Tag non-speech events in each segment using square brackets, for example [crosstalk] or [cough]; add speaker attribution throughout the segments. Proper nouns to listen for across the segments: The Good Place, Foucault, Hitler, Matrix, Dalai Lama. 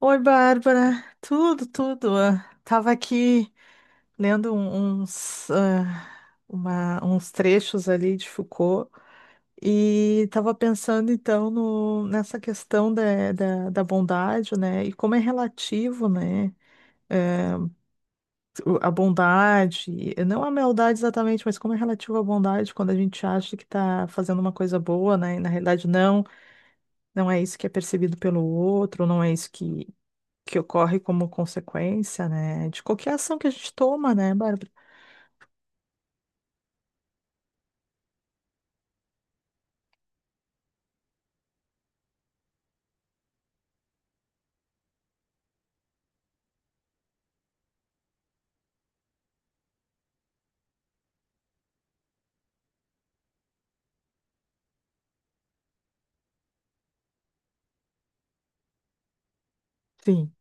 Speaker 1: Oi, Bárbara. Tudo, tudo. Ah, tava aqui lendo uns trechos ali de Foucault e tava pensando então nessa questão da bondade, né? E como é relativo, né? eh, a bondade, não a maldade exatamente, mas como é relativo à bondade quando a gente acha que está fazendo uma coisa boa, né? E na realidade não, não é isso que é percebido pelo outro, não é isso que ocorre como consequência, né, de qualquer ação que a gente toma, né, Bárbara? Sim.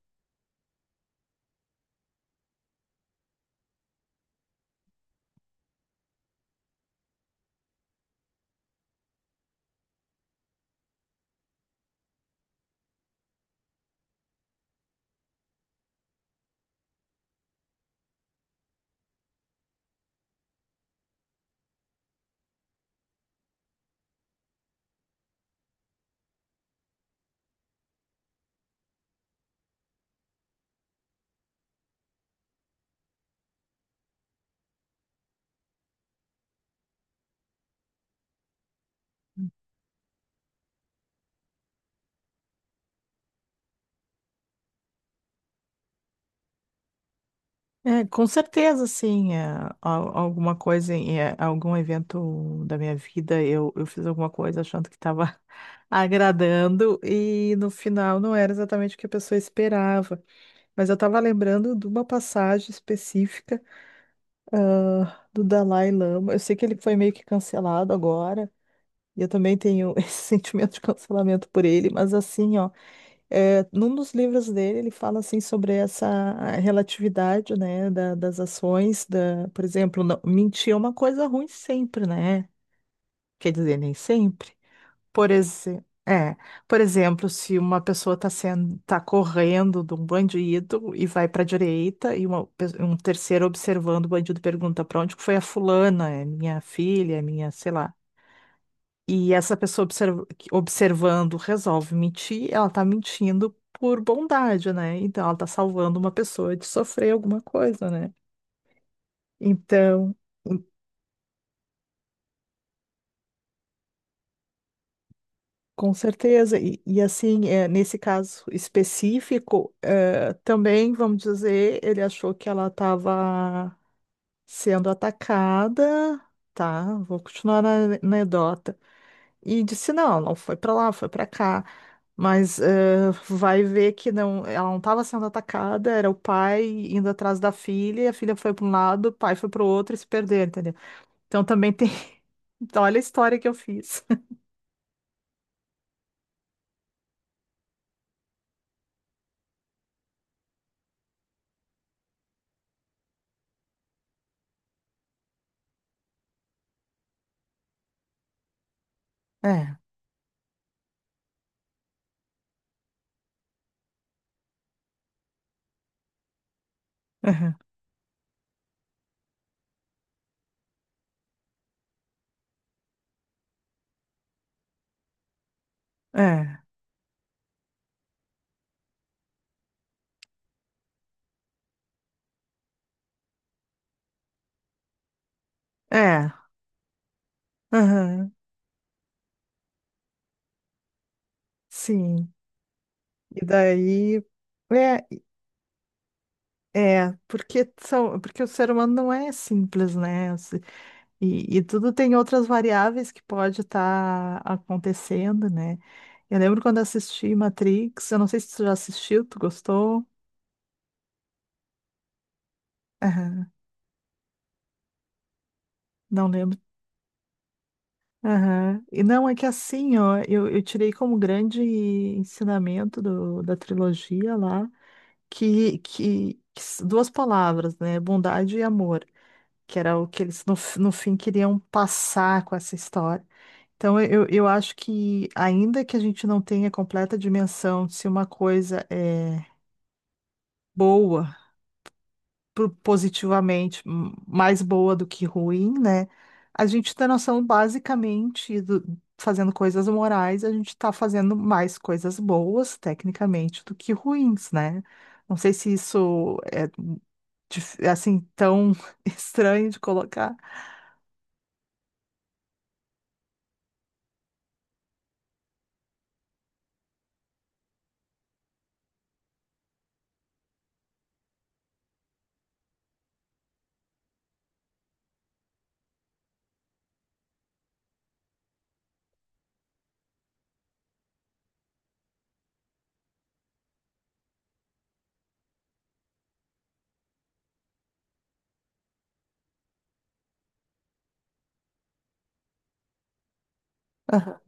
Speaker 1: É, com certeza, sim, é, alguma coisa, algum evento da minha vida, eu fiz alguma coisa achando que estava [laughs] agradando e no final não era exatamente o que a pessoa esperava. Mas eu estava lembrando de uma passagem específica, do Dalai Lama. Eu sei que ele foi meio que cancelado agora, e eu também tenho [laughs] esse sentimento de cancelamento por ele, mas assim, ó. É, num dos livros dele, ele fala assim sobre essa relatividade, né, das ações, da, por exemplo, mentir é uma coisa ruim sempre, né? Quer dizer, nem sempre. Por exemplo, é, por exemplo, se uma pessoa está sendo, tá correndo de um bandido e vai para a direita e um terceiro observando o bandido pergunta para onde que foi a fulana, é minha filha, é minha, sei lá. E essa pessoa observando resolve mentir, ela tá mentindo por bondade, né? Então ela tá salvando uma pessoa de sofrer alguma coisa, né? Então. Hum. Com certeza. E assim, nesse caso específico, também, vamos dizer, ele achou que ela estava sendo atacada, tá? Vou continuar na anedota. E disse, não, não foi para lá, foi para cá. Mas vai ver que não, ela não estava sendo atacada, era o pai indo atrás da filha, e a filha foi para um lado, o pai foi para o outro e se perdeu, entendeu? Então também tem. [laughs] Então, olha a história que eu fiz. [laughs] É, aham, é, é, aham, sim. E daí. É, é, porque o ser humano não é simples, né? E tudo tem outras variáveis que pode estar acontecendo, né? Eu lembro quando assisti Matrix, eu não sei se tu já assistiu, tu gostou? Aham, não lembro. Aham. E não, é que assim, ó, eu tirei como grande ensinamento da trilogia lá, duas palavras, né? Bondade e amor, que era o que eles no fim queriam passar com essa história. Então, eu acho que, ainda que a gente não tenha completa dimensão de se uma coisa é boa, positivamente mais boa do que ruim, né? A gente tem noção, basicamente, fazendo coisas morais, a gente está fazendo mais coisas boas, tecnicamente, do que ruins, né? Não sei se isso é, assim tão [laughs] estranho de colocar. Aham,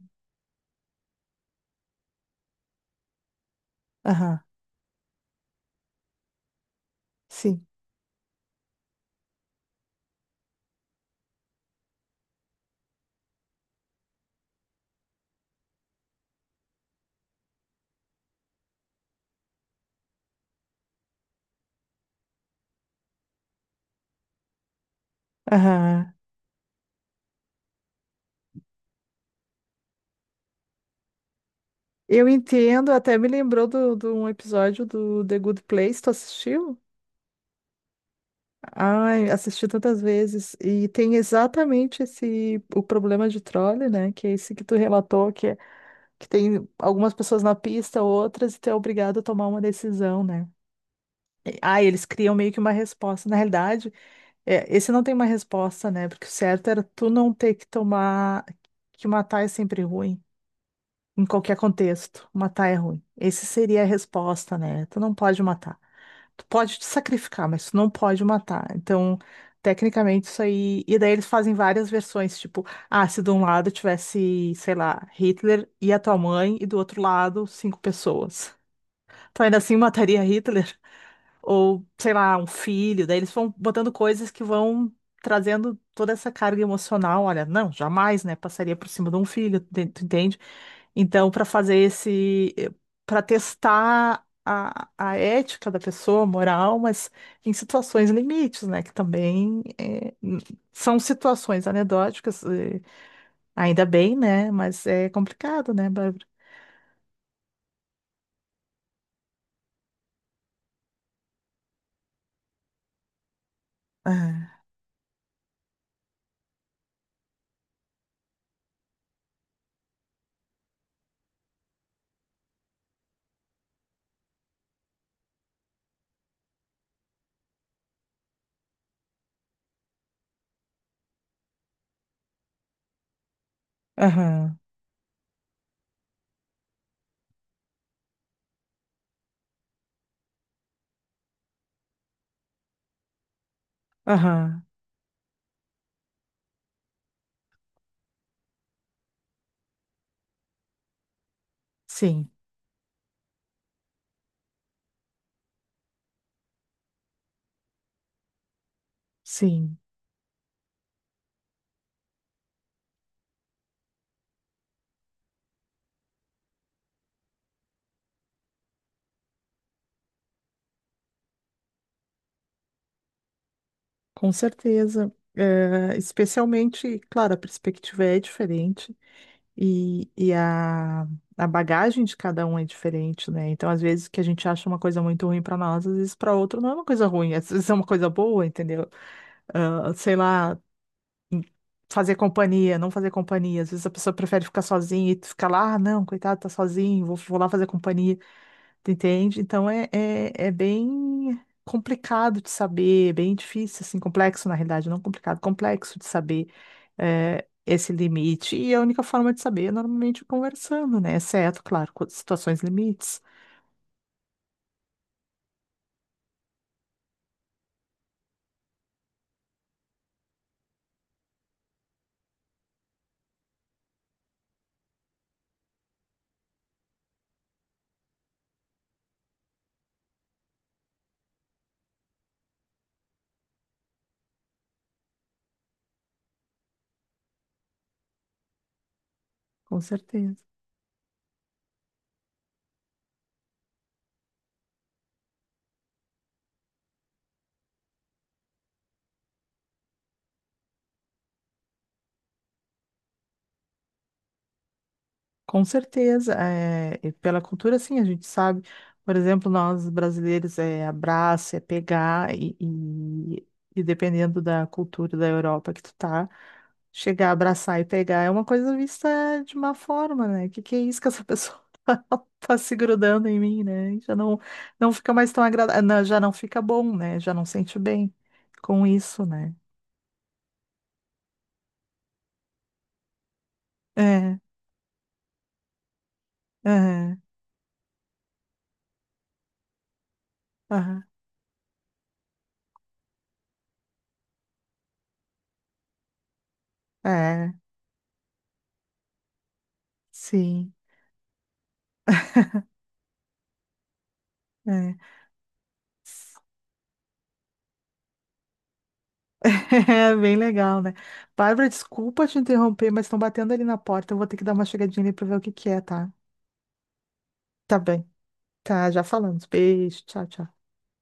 Speaker 1: aham, sim. Aham. Eu entendo, até me lembrou do um episódio do The Good Place, tu assistiu? Ai, assisti tantas vezes. E tem exatamente esse o problema de trole, né? Que é esse que tu relatou, que tem algumas pessoas na pista, outras, e tu é obrigado a tomar uma decisão, né? Eles criam meio que uma resposta. Na realidade, esse não tem uma resposta, né? Porque o certo era tu não ter que tomar, que matar é sempre ruim em qualquer contexto. Matar é ruim. Essa seria a resposta, né? Tu não pode matar. Tu pode te sacrificar, mas tu não pode matar. Então, tecnicamente, isso aí. E daí eles fazem várias versões, tipo, se de um lado tivesse, sei lá, Hitler e a tua mãe, e do outro lado, cinco pessoas. Tu ainda assim mataria Hitler? Ou, sei lá, um filho. Daí eles vão botando coisas que vão trazendo toda essa carga emocional. Olha, não, jamais, né? Passaria por cima de um filho, tu entende? Então, para fazer esse, para testar a ética da pessoa, a moral, mas em situações limites, né? Que também são situações anedóticas, ainda bem, né? Mas é complicado, né, Bárbara? Ah, Aham, aham, sim, sim, com certeza. Especialmente, claro, a perspectiva é diferente. E a bagagem de cada um é diferente, né? Então, às vezes, que a gente acha uma coisa muito ruim para nós, às vezes para outro não é uma coisa ruim, às vezes é uma coisa boa, entendeu? Ah, sei lá, fazer companhia, não fazer companhia. Às vezes a pessoa prefere ficar sozinha e tu fica lá, não, coitado, tá sozinho, vou lá fazer companhia. Entende? Então é bem complicado de saber, é bem difícil, assim, complexo na realidade, não complicado, complexo de saber é, esse limite. E a única forma de saber é normalmente conversando, né? Exceto, claro, com situações limites, com certeza. Com certeza, e pela cultura, sim, a gente sabe. Por exemplo, nós brasileiros é abraço, é pegar, e dependendo da cultura da Europa que tu tá, chegar, abraçar e pegar é uma coisa vista de má forma, né? Que é isso que essa pessoa [laughs] tá se grudando em mim, né? Já não, não fica mais tão agradável, já não fica bom, né? Já não sente bem com isso, né? É, é, aham, é, sim. É. É bem legal, né? Bárbara, desculpa te interromper, mas estão batendo ali na porta. Eu vou ter que dar uma chegadinha ali pra ver o que que é, tá? Tá bem. Tá, já falamos. Beijo, tchau, tchau.